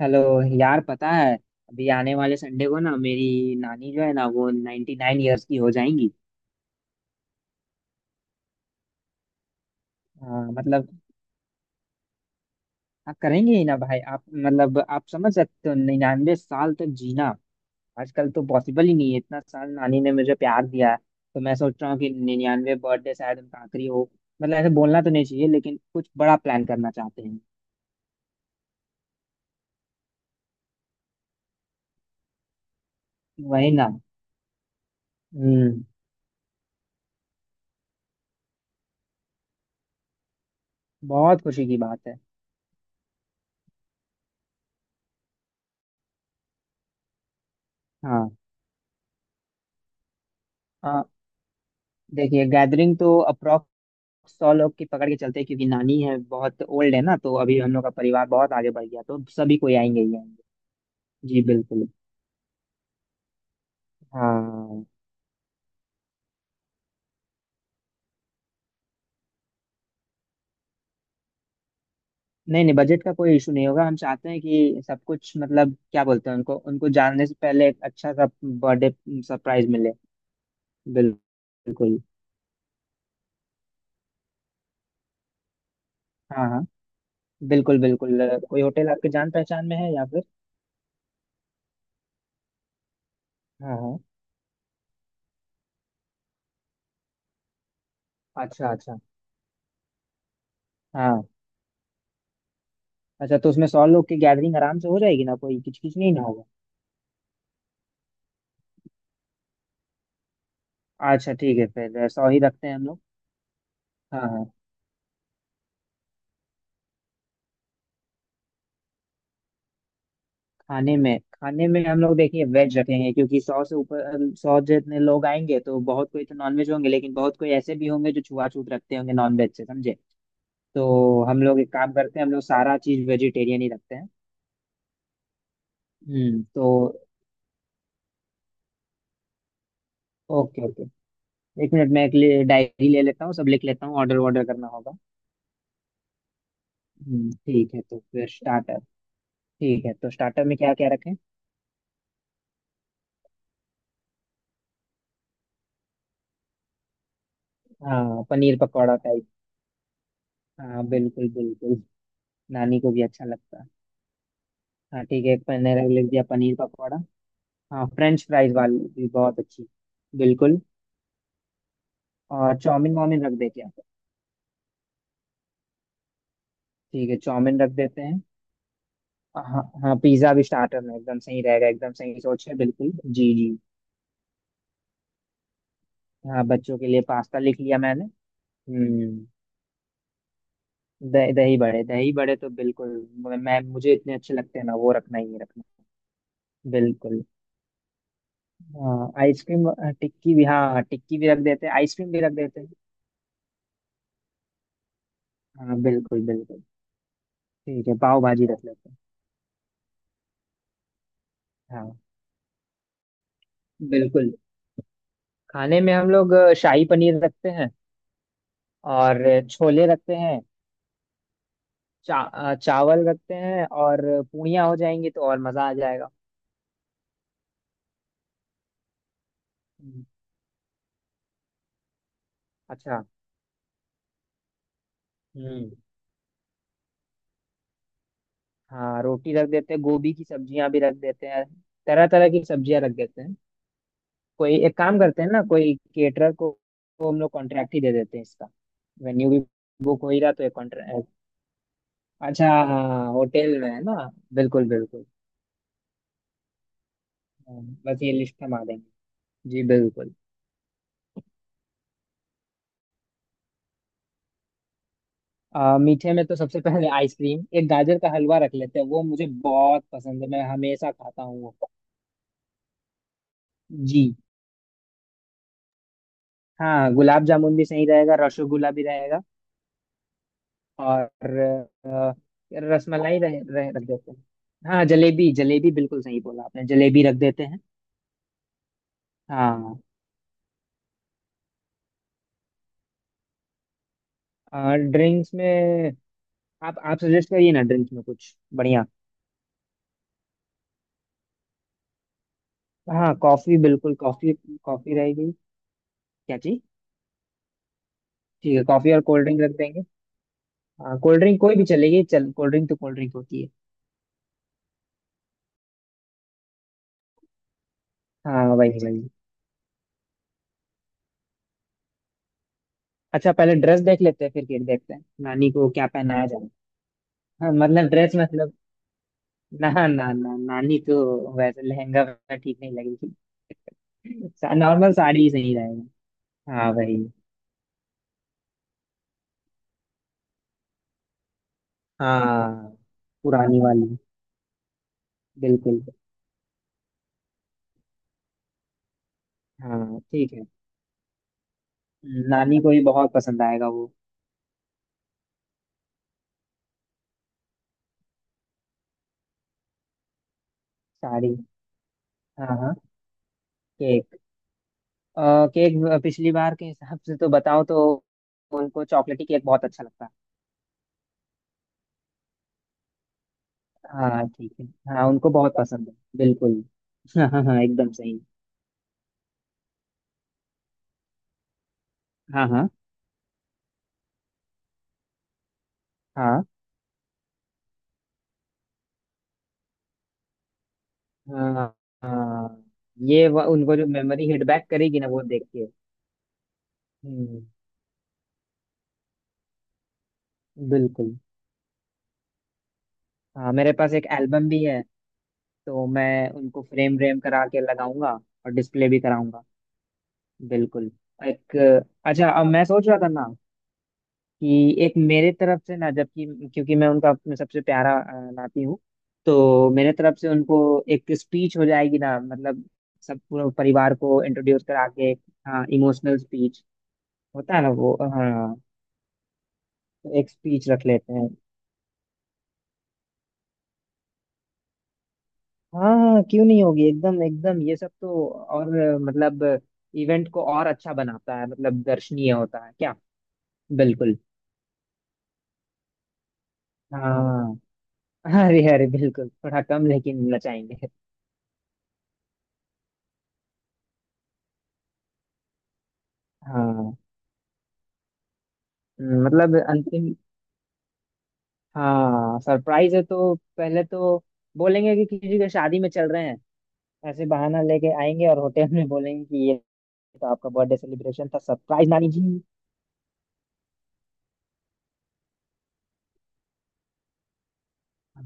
Hello. यार पता है अभी आने वाले संडे को ना मेरी नानी जो है ना वो नाइन्टी नाइन ईयर्स की हो जाएंगी। हाँ, मतलब आप करेंगे ही ना भाई, आप मतलब आप समझ सकते हो 99 साल तक जीना आजकल तो पॉसिबल ही नहीं है। इतना साल नानी ने मुझे प्यार दिया है तो मैं सोच रहा हूँ कि 99 बर्थडे शायद उनका आखिरी हो। मतलब ऐसे बोलना तो नहीं चाहिए लेकिन कुछ बड़ा प्लान करना चाहते हैं। वही ना। हम्म बहुत खुशी की बात है। हाँ। आ, देखिए गैदरिंग तो सौ लोग की पकड़ के चलते हैं, क्योंकि नानी है, बहुत ओल्ड है ना, तो अभी हम लोग का परिवार बहुत आगे बढ़ गया, तो सभी कोई आएंगे ही आएंगे। जी बिल्कुल। हाँ नहीं नहीं, बजट का कोई इशू नहीं होगा, हम चाहते हैं कि सब कुछ मतलब क्या बोलते हैं, उनको उनको जानने से पहले एक अच्छा सा बर्थडे सरप्राइज मिले। बिल- बिल्कुल। हाँ हाँ बिल्कुल बिल्कुल कोई होटल आपके जान पहचान में है या फिर। हाँ हाँ। अच्छा अच्छा। हाँ, अच्छा तो उसमें सौ लोग की गैदरिंग आराम से हो जाएगी ना, कोई किचकिच नहीं ना होगा। अच्छा ठीक है, फिर सौ ही रखते हैं हम लोग। हाँ हाँ। खाने में हम लोग देखिए वेज रखेंगे, क्योंकि सौ से ऊपर, सौ जितने लोग आएंगे तो बहुत कोई तो नॉनवेज होंगे, लेकिन बहुत कोई ऐसे भी होंगे जो छुआछूत रखते होंगे नॉनवेज से, समझे। तो हम लोग एक काम करते हैं, हम लोग सारा चीज वेजिटेरियन ही रखते हैं। तो ओके ओके। एक मिनट, मैं एक डायरी ले लेता हूँ, सब लिख लेता हूँ, ऑर्डर ऑर्डर करना होगा। ठीक है तो फिर स्टार्टर। ठीक है, तो स्टार्टर में क्या क्या रखें। हाँ पनीर पकौड़ा टाइप। हाँ बिल्कुल बिल्कुल। नानी को भी अच्छा लगता है। हाँ ठीक है, एक मैंने लिख दिया, पनीर पकौड़ा। हाँ फ्रेंच फ्राइज वाली भी बहुत अच्छी। बिल्कुल। और चाउमीन वाउमीन रख दे क्या। ठीक है चाउमीन रख देते हैं। हाँ हाँ, पिज्ज़ा भी स्टार्टर में एकदम सही रहेगा, एकदम सही सोच है, बिल्कुल, जी जी। हाँ बच्चों के लिए पास्ता लिख लिया मैंने। हम्म दही दही बड़े, दही बड़े तो बिल्कुल, मुझे इतने अच्छे लगते हैं ना, वो रखना ही है, रखना है। बिल्कुल। हाँ आइसक्रीम, टिक्की भी, हाँ हाँ, टिक्की भी रख देते हैं, आइसक्रीम भी रख देते हैं। हाँ बिल्कुल बिल्कुल। ठीक है पाव भाजी रख लेते हैं। हाँ बिल्कुल। खाने में हम लोग शाही पनीर रखते हैं, और छोले रखते हैं, चावल रखते हैं, और पूड़ियाँ हो जाएंगी तो और मज़ा आ जाएगा। हम्म, अच्छा। हम्म हाँ रोटी रख देते हैं, गोभी की सब्जियां भी रख देते हैं, तरह तरह की सब्जियां रख देते हैं। कोई एक काम करते हैं ना, कोई केटरर को हम लोग कॉन्ट्रैक्ट ही दे देते हैं इसका, वेन्यू भी बुक हो ही रहा तो एक कॉन्ट्रैक्ट। अच्छा हाँ, होटल में है ना। बिल्कुल बिल्कुल। हाँ, बस ये लिस्ट हम आ देंगे। जी बिल्कुल। मीठे में तो सबसे पहले आइसक्रीम, एक गाजर का हलवा रख लेते हैं, वो मुझे बहुत पसंद है, मैं हमेशा खाता हूँ वो। जी। हाँ गुलाब जामुन भी सही रहेगा, रसगुल्ला भी रहेगा। और अ, रसमलाई रह, रह, रख देते हैं। हाँ जलेबी, जलेबी बिल्कुल सही बोला आपने, जलेबी रख देते हैं। हाँ। और ड्रिंक्स में, आप सजेस्ट करिए ना ड्रिंक्स में कुछ बढ़िया। हाँ कॉफी, बिल्कुल कॉफी। कॉफी रहेगी क्या जी। ठीक है, कॉफी और कोल्ड ड्रिंक रख देंगे। हाँ कोल्ड ड्रिंक कोई भी चलेगी, चल कोल्ड ड्रिंक तो कोल्ड ड्रिंक होती है। हाँ वही वही। अच्छा पहले ड्रेस देख लेते हैं, फिर केक देखते हैं, नानी को क्या पहनाया जाए। हाँ मतलब ड्रेस मतलब, ना ना ना नानी तो वैसे लहंगा वगैरह ठीक नहीं लगेगी। नॉर्मल साड़ी ही सही रहेगा। हाँ वही। हाँ पुरानी वाली। बिल्कुल। हाँ ठीक है। नानी को भी बहुत पसंद आएगा वो, साड़ी। हाँ हाँ। केक। अ, केक पिछली बार के हिसाब से तो बताओ तो, उनको चॉकलेटी केक बहुत अच्छा लगता है। हाँ ठीक है। हाँ उनको बहुत पसंद है बिल्कुल। हाँ हाँ हाँ, एकदम सही। हाँ हाँ हाँ हाँ हाँ, उनको जो मेमोरी हिट बैक करेगी ना वो देख के। हम्म बिल्कुल। हाँ मेरे पास एक एल्बम भी है, तो मैं उनको फ्रेम व्रेम करा के लगाऊंगा और डिस्प्ले भी कराऊंगा। बिल्कुल। एक, अच्छा, अब मैं सोच रहा था ना, कि एक मेरे तरफ से ना, जबकि क्योंकि मैं उनका अपने सबसे प्यारा नाती हूँ, तो मेरे तरफ से उनको एक स्पीच हो जाएगी ना मतलब, सब पूरे परिवार को इंट्रोड्यूस करा के। हाँ इमोशनल स्पीच होता है ना वो, हाँ। तो एक स्पीच रख लेते हैं। हाँ हाँ क्यों नहीं होगी, एकदम एकदम ये सब तो और मतलब इवेंट को और अच्छा बनाता है, मतलब दर्शनीय होता है क्या। बिल्कुल। हाँ। अरे अरे बिल्कुल, थोड़ा कम लेकिन नचाएंगे। हाँ मतलब अंतिम। हाँ सरप्राइज है तो पहले तो बोलेंगे कि किसी के शादी में चल रहे हैं, ऐसे बहाना लेके आएंगे, और होटल में बोलेंगे कि ये तो आपका बर्थडे सेलिब्रेशन था, सरप्राइज नानी जी।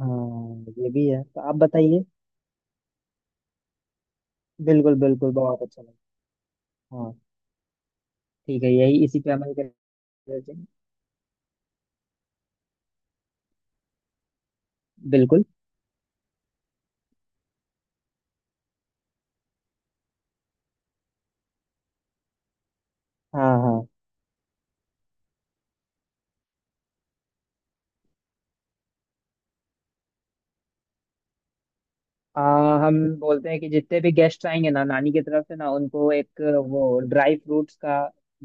हाँ ये भी है, तो आप बताइए। बिल्कुल बिल्कुल बहुत अच्छा लगा। हाँ ठीक है, यही, इसी पे अमल कर। बिल्कुल। हाँ हाँ। हम बोलते हैं कि जितने भी गेस्ट आएंगे ना, नानी की तरफ से ना, उनको एक वो ड्राई फ्रूट्स का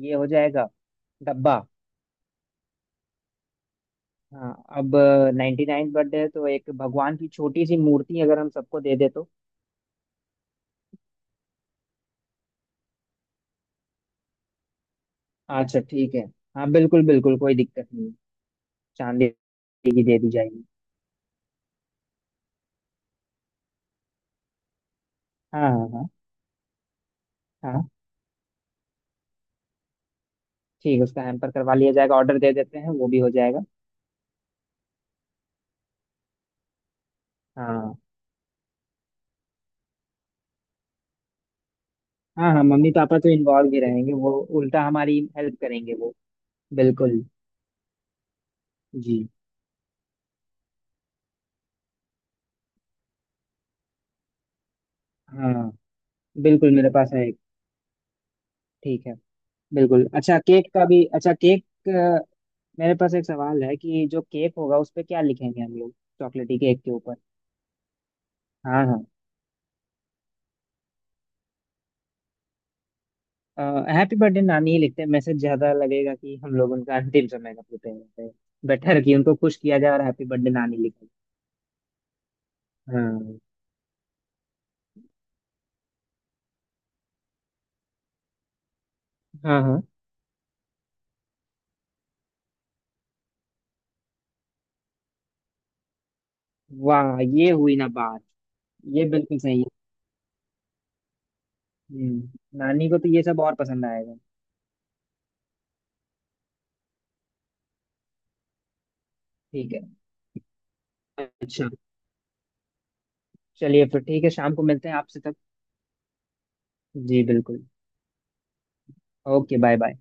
ये हो जाएगा, डब्बा। हाँ। अब नाइन्टी नाइन बर्थडे है, तो एक भगवान की छोटी सी मूर्ति अगर हम सबको दे दे तो। अच्छा ठीक है। हाँ बिल्कुल बिल्कुल, कोई दिक्कत नहीं है। चांदी की दे दी जाएगी। हाँ हाँ हाँ। हाँ ठीक है, उसका हैम्पर करवा लिया जाएगा, ऑर्डर दे देते हैं, वो भी हो जाएगा। हाँ हाँ हाँ, मम्मी पापा तो इन्वॉल्व ही रहेंगे वो, उल्टा हमारी हेल्प करेंगे वो। बिल्कुल। जी। हाँ बिल्कुल, मेरे पास है एक। ठीक है। बिल्कुल, अच्छा केक का भी, अच्छा केक, मेरे पास एक सवाल है कि जो केक होगा उस पे क्या लिखेंगे हम लोग, चॉकलेटी केक के। हाँ। हाँ हैप्पी बर्थडे नानी ही लिखते हैं, मैसेज ज्यादा लगेगा कि हम लोग उनका अंतिम समय का पूछते हैं। बेटर कि उनको खुश किया जाए और हैप्पी बर्थडे नानी लिखा जाए। हाँ हाँ हाँ। वाह ये हुई ना बात। ये बिल्कुल सही है। हम्म, नानी को तो ये सब और पसंद आएगा। ठीक है। अच्छा। चलिए फिर, ठीक है शाम को मिलते हैं आपसे तक। जी बिल्कुल। Okay bye bye.